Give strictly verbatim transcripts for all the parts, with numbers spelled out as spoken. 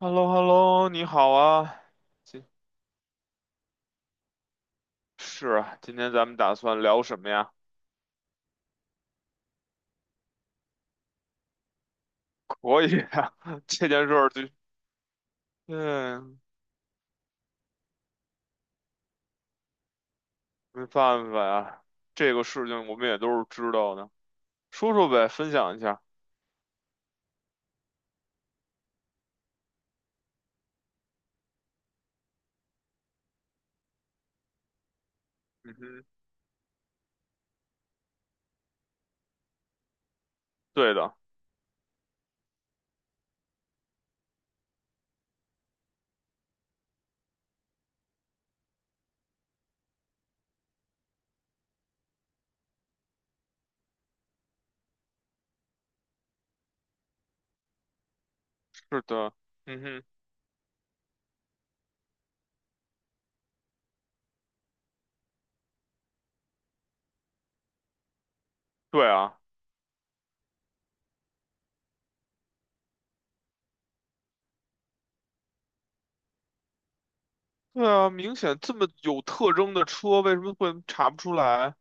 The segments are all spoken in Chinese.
h e l l o h e l l o 你好啊，今是啊，今天咱们打算聊什么呀？可以啊，这件事儿就，嗯，没办法呀，这个事情我们也都是知道的，说说呗，分享一下。嗯哼，对的，是的，嗯哼，对啊，对啊，明显这么有特征的车，为什么会查不出来？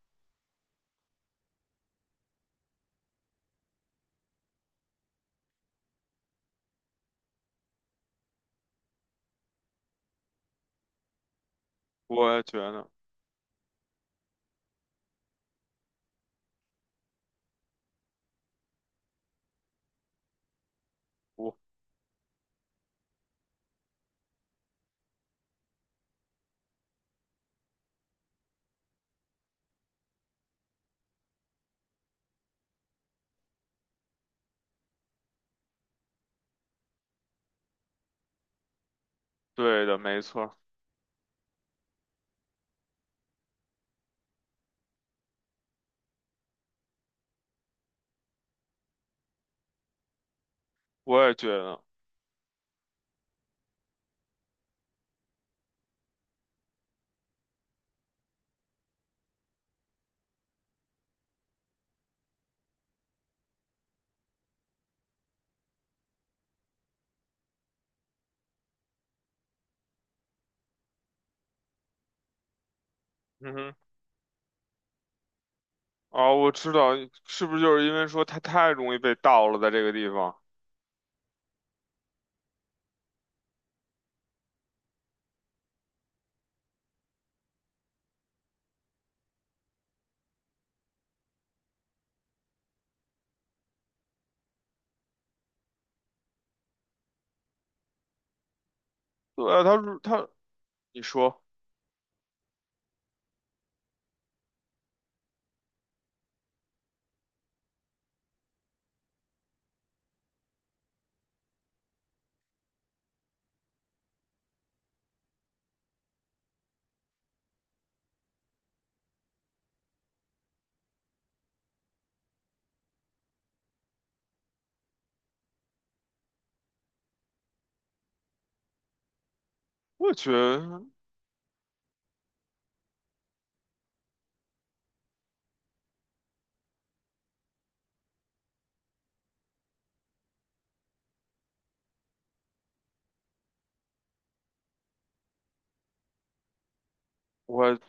我也觉得，我，对的，没错儿我也觉得，嗯哼，啊，我知道，是不是就是因为说它太容易被盗了，在这个地方？对啊，他是他，你说，我也觉得，我也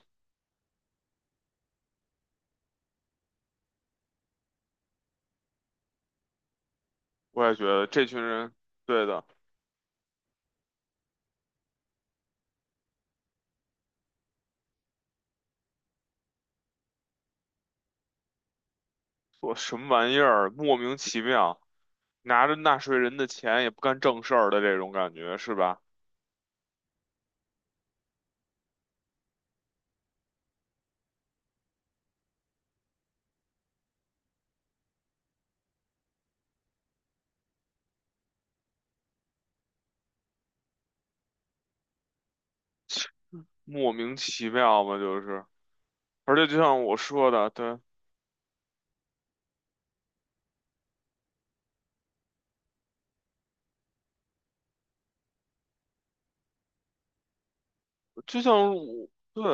我也觉得这群人，对的，做什么玩意儿，莫名其妙，拿着纳税人的钱也不干正事儿的这种感觉，是吧？莫名其妙嘛，就是，而且就像我说的，对，就像我，对，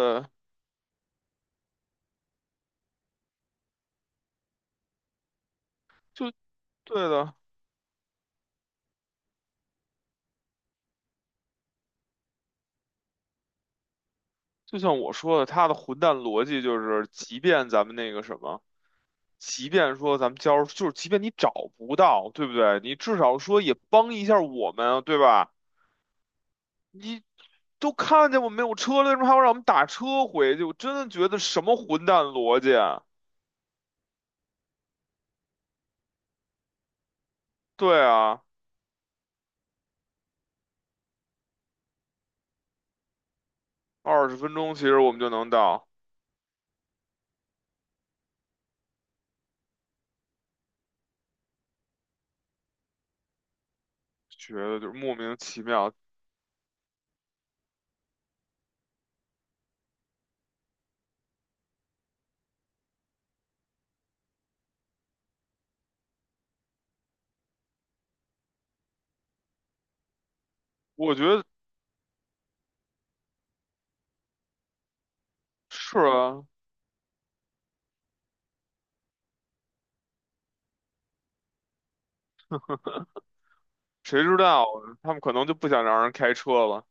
就对的，就像我说的，他的混蛋逻辑就是，即便咱们那个什么。即便说咱们交，就是即便你找不到，对不对？你至少说也帮一下我们啊，对吧？你都看见我没有车了，为什么还要让我们打车回去？我真的觉得什么混蛋逻辑啊对啊，二十分钟其实我们就能到，觉得就是莫名其妙。我觉得是啊，谁知道啊他们可能就不想让人开车了。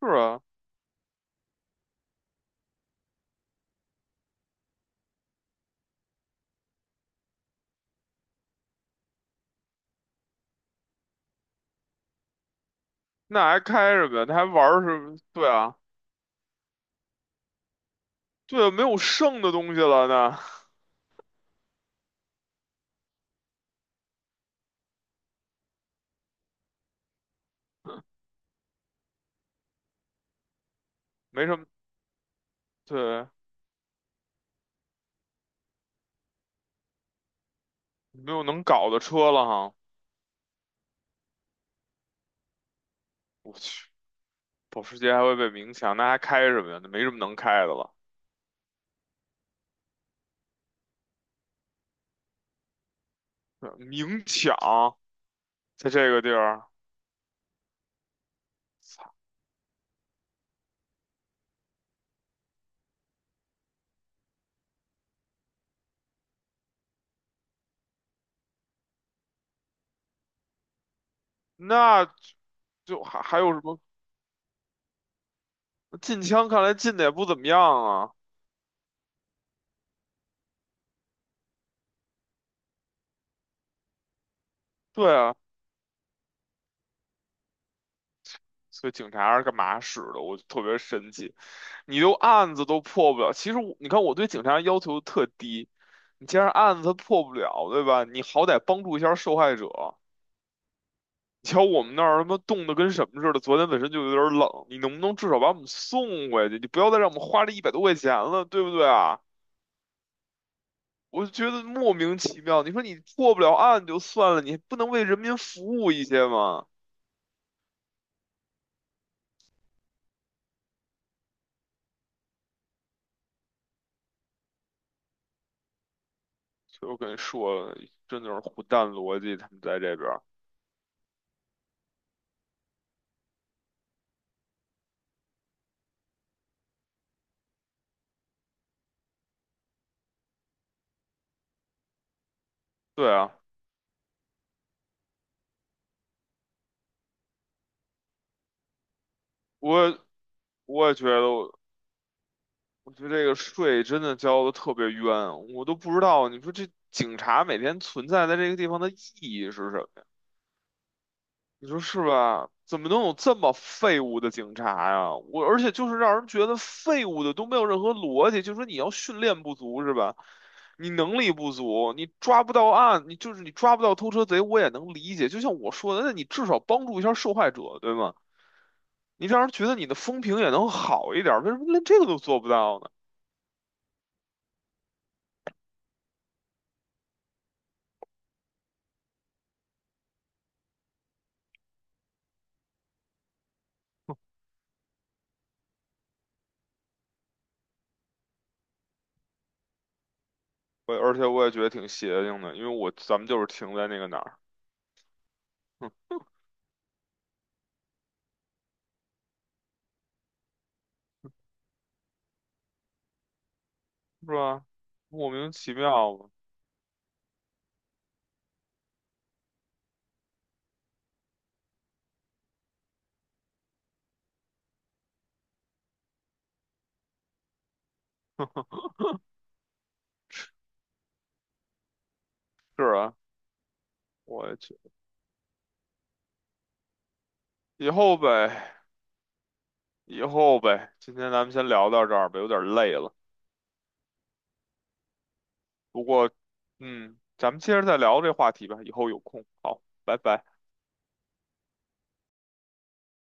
是啊，那还开什么呀？他还玩儿什么？对啊，对啊，没有剩的东西了那没什么，对，没有能搞的车了哈。我去，保时捷还会被明抢，那还开什么呀？那没什么能开的了。对明抢。在这个地儿，操，那就就还还有什么禁枪？看来禁的也不怎么样啊。对啊，所以警察是干嘛使的？我就特别神奇，你都案子都破不了。其实我，你看我对警察要求特低，你既然案子破不了，对吧？你好歹帮助一下受害者。你瞧我们那儿他妈冻得跟什么似的，昨天本身就有点冷，你能不能至少把我们送回去？你不要再让我们花这一百多块钱了，对不对啊？我就觉得莫名其妙。你说你破不了案就算了，你不能为人民服务一些吗？就以我跟你说了，真的是虎蛋逻辑，他们在这边儿。对啊，我我也觉得我，我觉得这个税真的交的特别冤，我都不知道。你说这警察每天存在在这个地方的意义是什么？你说是吧？怎么能有这么废物的警察呀？我而且就是让人觉得废物的都没有任何逻辑，就说你要训练不足是吧？你能力不足，你抓不到案，你就是你抓不到偷车贼，我也能理解。就像我说的，那你至少帮助一下受害者，对吗？你让人觉得你的风评也能好一点儿为什么连这个都做不到呢？我而且我也觉得挺邪性的，因为我咱们就是停在那个哪儿，哼是吧？莫名其妙吧，是啊，我。以后呗，以后呗，今天咱们先聊到这儿吧，有点累了。不过，嗯，咱们接着再聊这话题吧，以后有空。好，拜拜。